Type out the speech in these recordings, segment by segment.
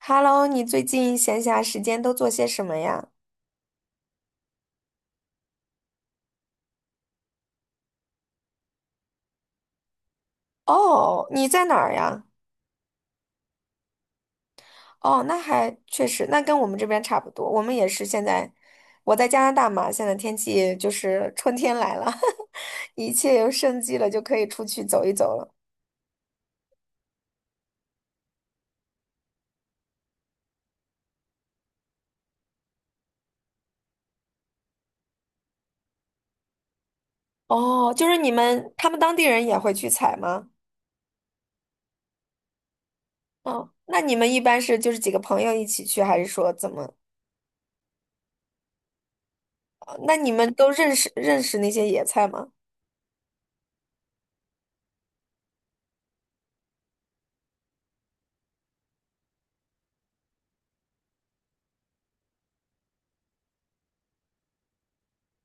Hello，你最近闲暇时间都做些什么呀？哦，你在哪儿呀？哦，那还确实，那跟我们这边差不多。我们也是现在，我在加拿大嘛，现在天气就是春天来了，一切又生机了，就可以出去走一走了。哦，就是你们，他们当地人也会去采吗？哦，那你们一般是就是几个朋友一起去，还是说怎么？那你们都认识那些野菜吗？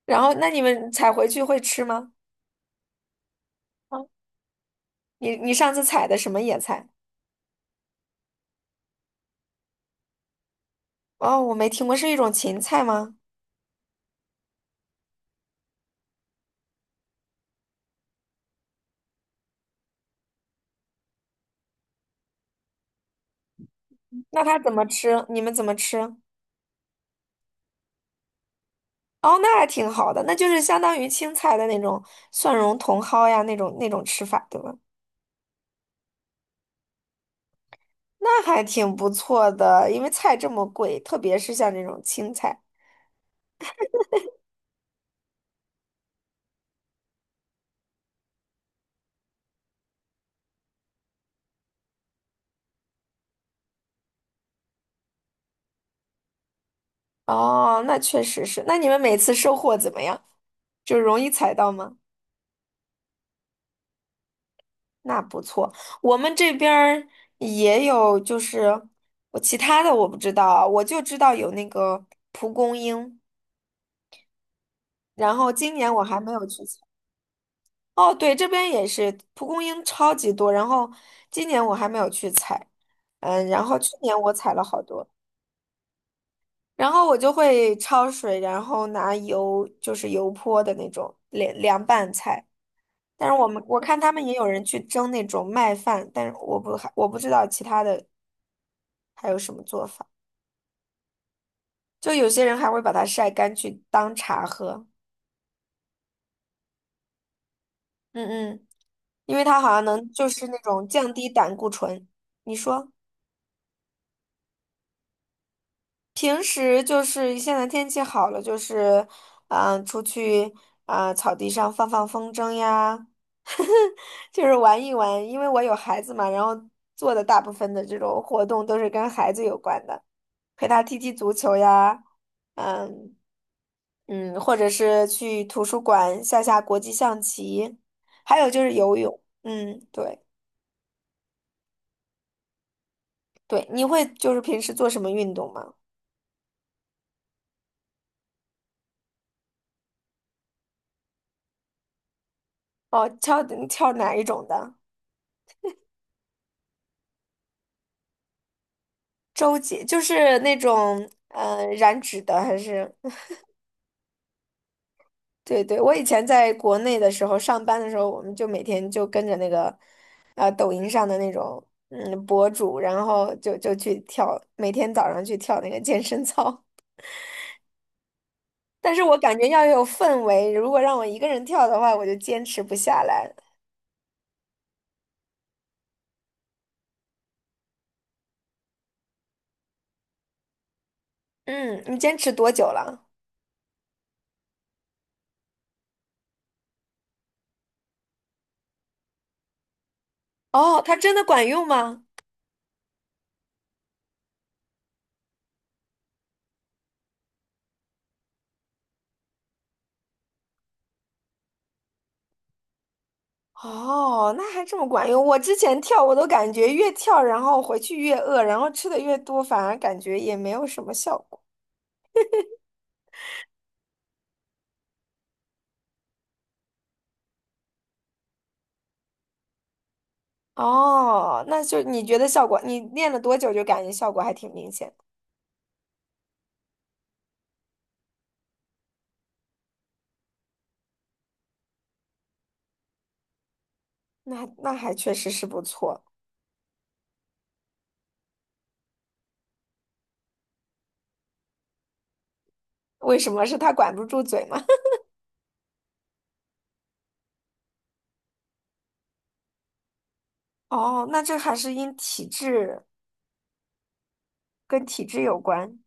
然后，那你们采回去会吃吗？你上次采的什么野菜？哦，我没听过，是一种芹菜吗？那它怎么吃？你们怎么吃？哦，那还挺好的，那就是相当于青菜的那种蒜蓉茼蒿呀，那种吃法，对吧？那还挺不错的，因为菜这么贵，特别是像这种青菜。哦，那确实是。那你们每次收获怎么样？就容易采到吗？那不错，我们这边儿也有，就是我其他的我不知道啊，我就知道有那个蒲公英。然后今年我还没有去采。哦，对，这边也是蒲公英超级多，然后今年我还没有去采，嗯，然后去年我采了好多，然后我就会焯水，然后拿油，就是油泼的那种凉拌菜。但是我们我看他们也有人去蒸那种麦饭，但是我不知道其他的还有什么做法。就有些人还会把它晒干去当茶喝，嗯嗯，因为它好像能就是那种降低胆固醇。你说？平时就是现在天气好了，就是，出去草地上放放风筝呀，就是玩一玩。因为我有孩子嘛，然后做的大部分的这种活动都是跟孩子有关的，陪他踢踢足球呀，嗯嗯，或者是去图书馆下下国际象棋，还有就是游泳。嗯，对对，你会就是平时做什么运动吗？哦，跳跳哪一种的？周杰就是那种燃脂的，还是 对对，我以前在国内的时候上班的时候，我们就每天就跟着那个抖音上的那种博主，然后就去跳，每天早上去跳那个健身操。但是我感觉要有氛围，如果让我一个人跳的话，我就坚持不下来。嗯，你坚持多久了？哦，它真的管用吗？哦，那还这么管用。我之前跳，我都感觉越跳，然后回去越饿，然后吃的越多，反而感觉也没有什么效果。哦，那就你觉得效果，你练了多久就感觉效果还挺明显的？那还确实是不错。为什么是他管不住嘴吗？哦，那这还是因体质跟体质有关。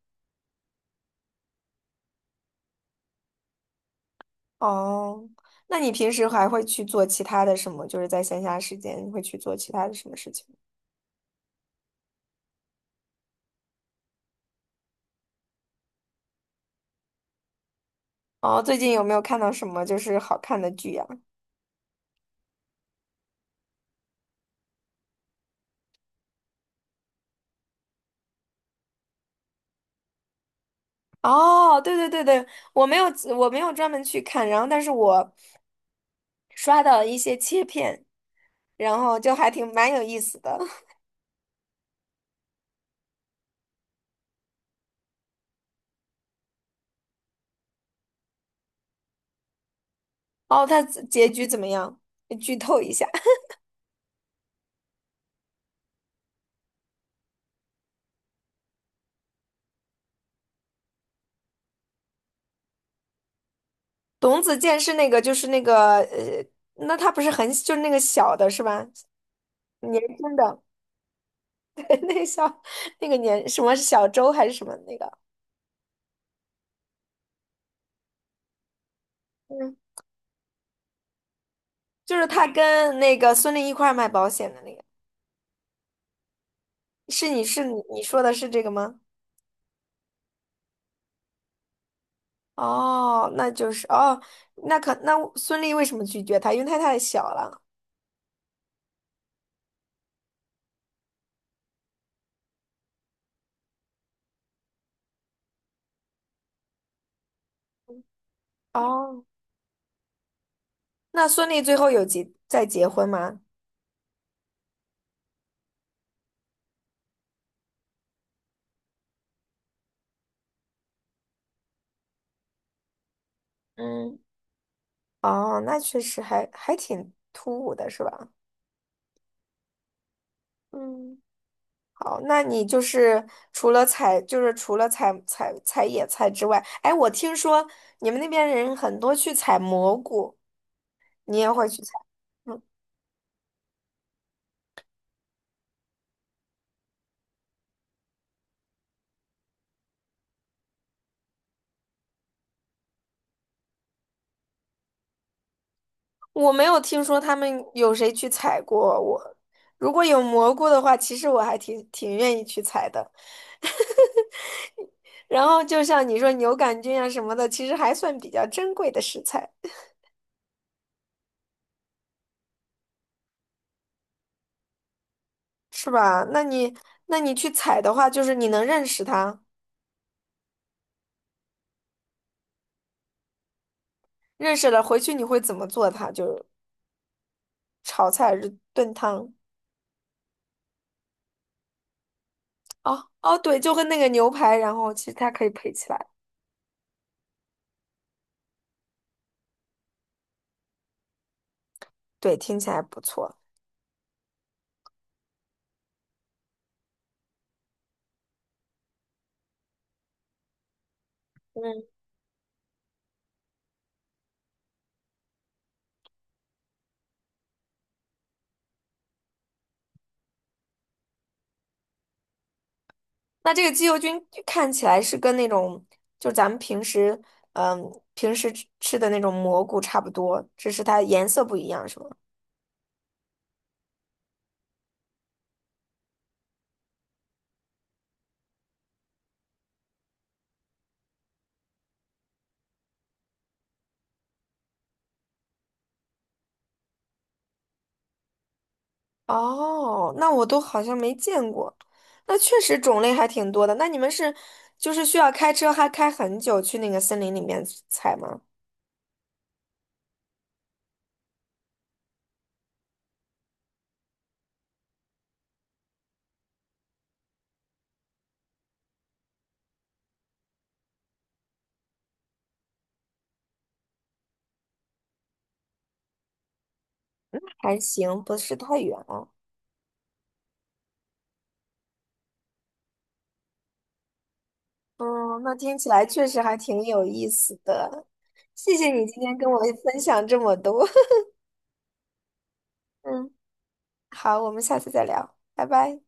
哦，那你平时还会去做其他的什么？就是在闲暇时间会去做其他的什么事情？哦，最近有没有看到什么就是好看的剧呀？哦，对对对对，我没有我没有专门去看，然后但是我刷到一些切片，然后就还挺蛮有意思的。哦，他结局怎么样？剧透一下，董子健是那个，那他不是很就是那个小的是吧？年轻的 那个小那个年什么小周还是什么那个？嗯，就是他跟那个孙俪一块儿卖保险的那个，是你说的是这个吗？哦，那就是哦，那孙俪为什么拒绝他？因为他太小了。哦，那孙俪最后再结婚吗？嗯哦，那确实还挺突兀的，是吧？嗯，好，那你就是除了采，就是除了采野菜之外，哎，我听说你们那边人很多去采蘑菇，你也会去采？嗯。我没有听说他们有谁去采过我。如果有蘑菇的话，其实我还挺愿意去采的。然后就像你说牛肝菌啊什么的，其实还算比较珍贵的食材，是吧？那你去采的话，就是你能认识它，认识了回去你会怎么做它？就是炒菜还是炖汤？哦哦，对，就跟那个牛排，然后其实它可以配起来，对，听起来不错。嗯。那这个鸡油菌看起来是跟那种，就咱们平时，嗯，平时吃的那种蘑菇差不多，只是它颜色不一样，是吗？哦，那我都好像没见过。那确实种类还挺多的。那你们是，就是需要开车还开很久去那个森林里面采吗？还行，不是太远啊哦。嗯，那听起来确实还挺有意思的。谢谢你今天跟我分享这么多。嗯，好，我们下次再聊，拜拜。